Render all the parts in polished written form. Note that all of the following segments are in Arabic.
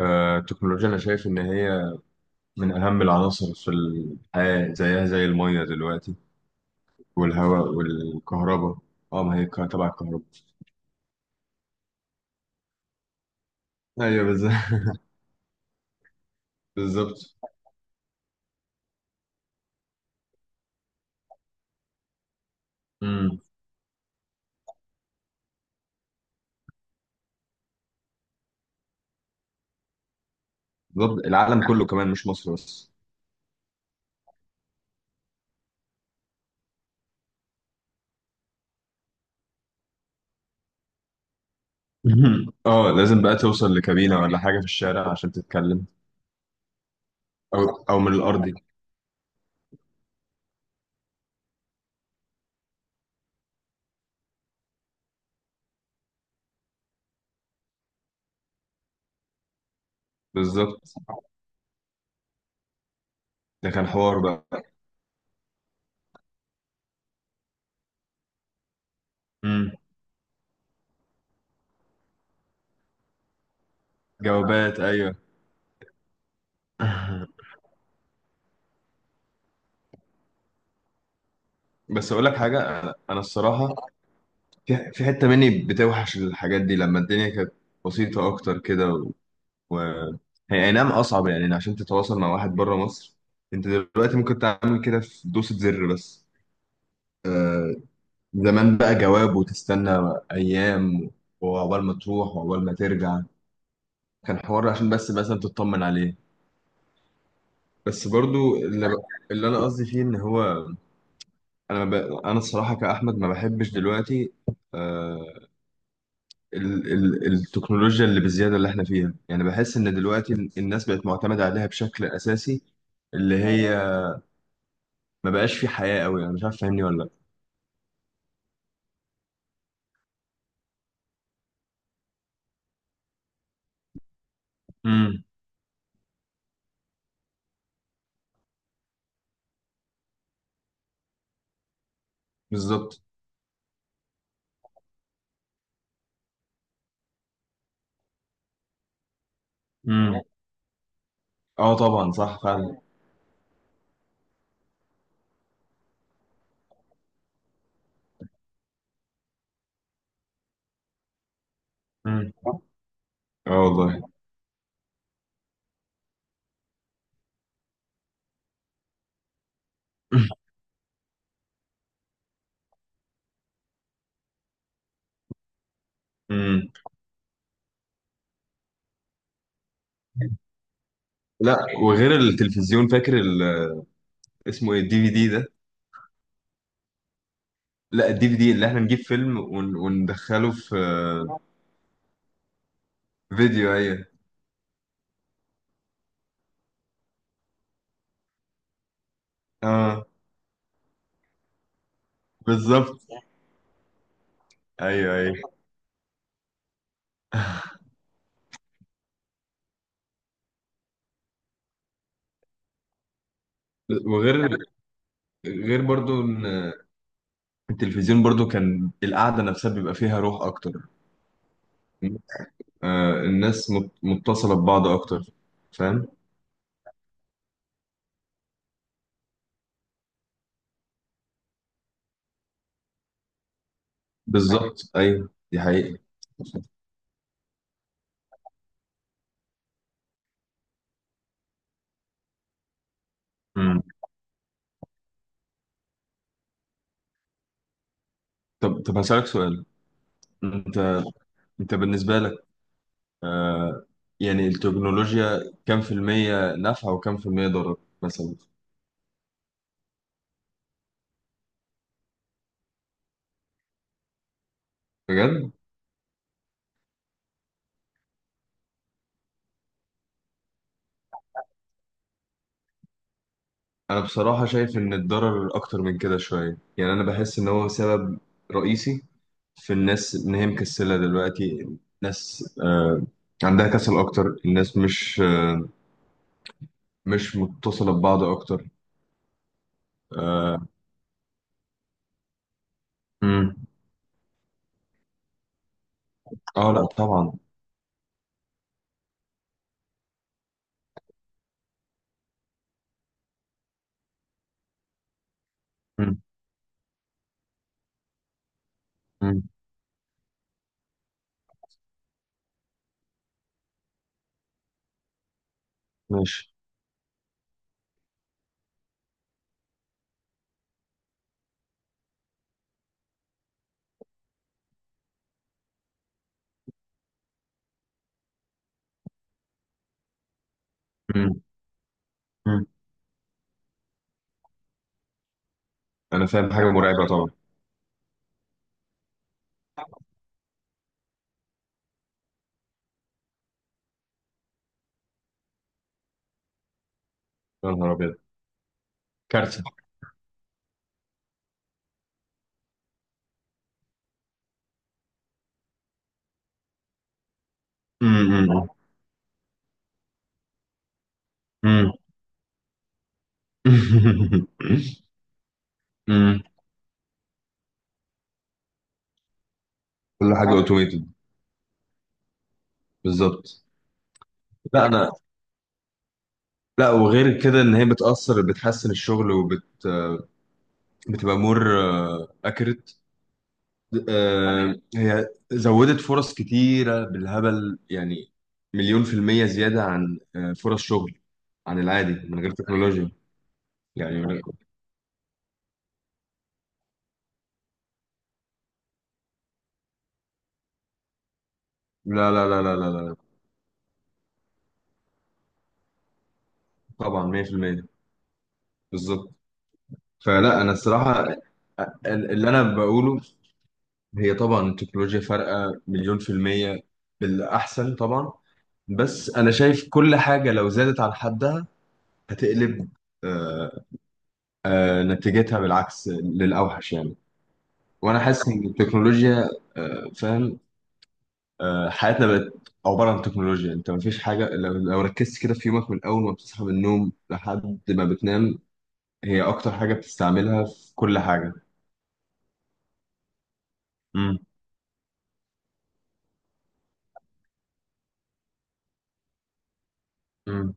التكنولوجيا أنا شايف إن هي من أهم العناصر في الحياة، زيها زي المية دلوقتي والهواء والكهرباء. اه ما هي تبع الكهرباء. أيوه، بالظبط. بالظبط. مم. بالظبط، العالم كله كمان مش مصر بس. اه، لازم بقى توصل لكابينة ولا حاجة في الشارع عشان تتكلم. أو أو من الأرضي. بالظبط، ده كان حوار بقى. مم. جوابات، أيوه. بس أقول لك حاجة، أنا الصراحة في حتة مني بتوحش الحاجات دي لما الدنيا كانت بسيطة أكتر كده. و هي أي نعم أصعب يعني عشان تتواصل مع واحد بره مصر. أنت دلوقتي ممكن تعمل كده في دوسة زر بس. آه. زمان بقى جواب وتستنى أيام، وعقبال ما تروح وعقبال ما ترجع، كان حوار عشان بس مثلا تطمن عليه. بس برضو اللي أنا قصدي فيه إن هو. أنا ب... أنا الصراحة كأحمد ما بحبش دلوقتي. آه، ال ال التكنولوجيا اللي بالزيادة اللي احنا فيها، يعني بحس ان دلوقتي الناس بقت معتمدة عليها بشكل اساسي، اللي هي ما بقاش في حياة قوي. انا مش عارف، فاهمني ولا لا؟ امم. بالظبط. امم. اه، طبعا صح فعلا. امم. اه والله. امم. لا، وغير التلفزيون، فاكر اسمه ايه الدي في دي ده؟ لا، الدي في دي اللي احنا نجيب فيلم ون وندخله في. فيديو، ايوه. اه، بالظبط. ايوه، ايوه. وغير غير برضو إن التلفزيون برضو كان القعدة نفسها بيبقى فيها روح أكتر. آه، الناس متصلة ببعض أكتر. فاهم؟ بالظبط، أيوه، دي حقيقة. مم. طب هسألك سؤال. أنت أنت بالنسبة لك آه يعني التكنولوجيا كام في المية نافعة وكام في المية ضرر مثلا؟ بجد؟ أنا بصراحة شايف إن الضرر أكتر من كده شوية. يعني أنا بحس إن هو سبب رئيسي في الناس ان هي مكسله دلوقتي. الناس عندها كسل اكتر. الناس مش مش متصله ببعض اكتر. اه. مم. اه، لا طبعا. مم. مم. ماشي. مم. مم. انا فاهم، حاجه مرعبه طبعا. يا نهار ابيض، كارثه. مم. مم. مم. مم. كل حاجه اوتوميتد. بالظبط. لا، انا. لا، وغير كده ان هي بتاثر بتحسن الشغل وبت آه، بتبقى مور اكريت. هي زودت فرص كتيرة بالهبل يعني. مليون في المية زيادة عن فرص شغل، عن العادي من غير تكنولوجيا. يعني من غير- لا، لا، لا، لا، لا، لا. طبعا 100%. بالظبط. فلا أنا الصراحة اللي أنا بقوله، هي طبعا التكنولوجيا فارقة مليون في المية بالأحسن طبعا. بس أنا شايف كل حاجة لو زادت عن حدها هتقلب. آه، نتيجتها بالعكس للأوحش يعني. وانا حاسس ان التكنولوجيا فاهم، حياتنا بقت عباره عن تكنولوجيا. انت ما فيش حاجه، لو ركزت كده في يومك من اول ما بتصحى من النوم لحد ما بتنام، هي اكتر حاجه بتستعملها في كل حاجه. امم. امم.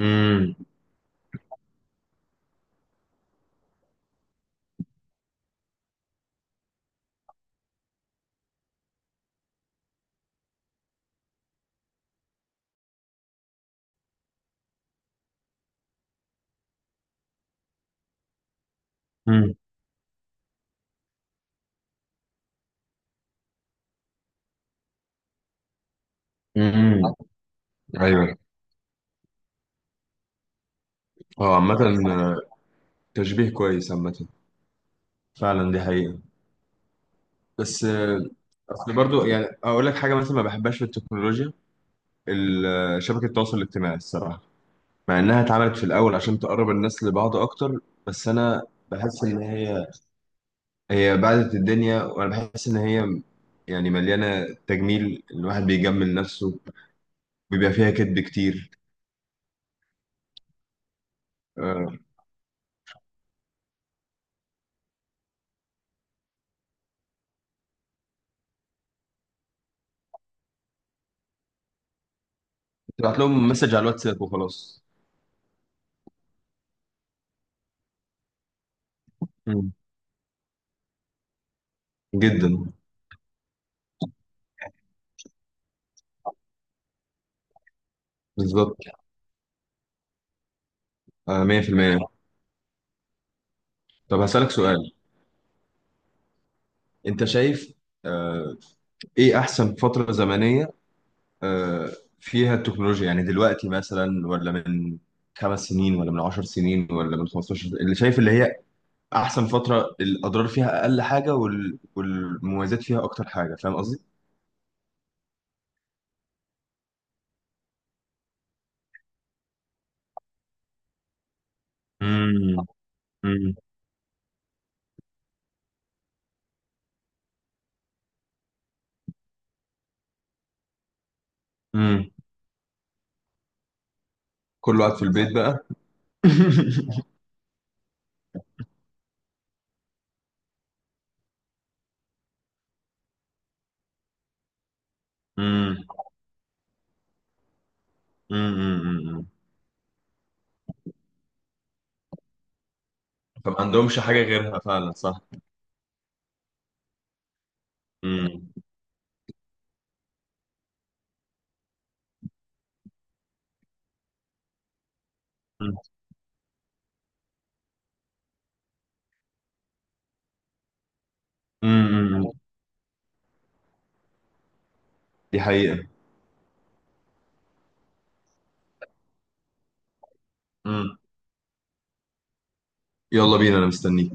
امم. امم. امم. ايوه. اه، عامه. آه، تشبيه كويس عامه، فعلا دي حقيقه. بس اصل برضو يعني اقول لك حاجه مثلا ما بحبهاش في التكنولوجيا. شبكه التواصل الاجتماعي الصراحه. مع انها اتعملت في الاول عشان تقرب الناس لبعض اكتر. بس انا بحس ان هي بعدت الدنيا. وانا بحس ان هي يعني مليانه تجميل، الواحد بيجمل نفسه، بيبقى فيها كذب كتير. أه. تبعت لهم مسج على الواتساب وخلاص. مم. جدا. بالظبط. 100%. طب هسألك سؤال. انت شايف آه، ايه احسن فترة زمنية آه، فيها التكنولوجيا؟ يعني دلوقتي مثلا ولا من 5 سنين ولا من 10 سنين ولا من 15؟ اللي شايف اللي هي احسن فتره، الاضرار فيها اقل حاجه والمميزات فيها اكتر حاجه. فاهم قصدي؟ امم. امم. امم. كله قاعد في البيت بقى. امم. امم. فما عندهمش حاجه غيرها فعلا، صح. امم. امم، دي حقيقه. امم. يلا بينا، انا مستنيك.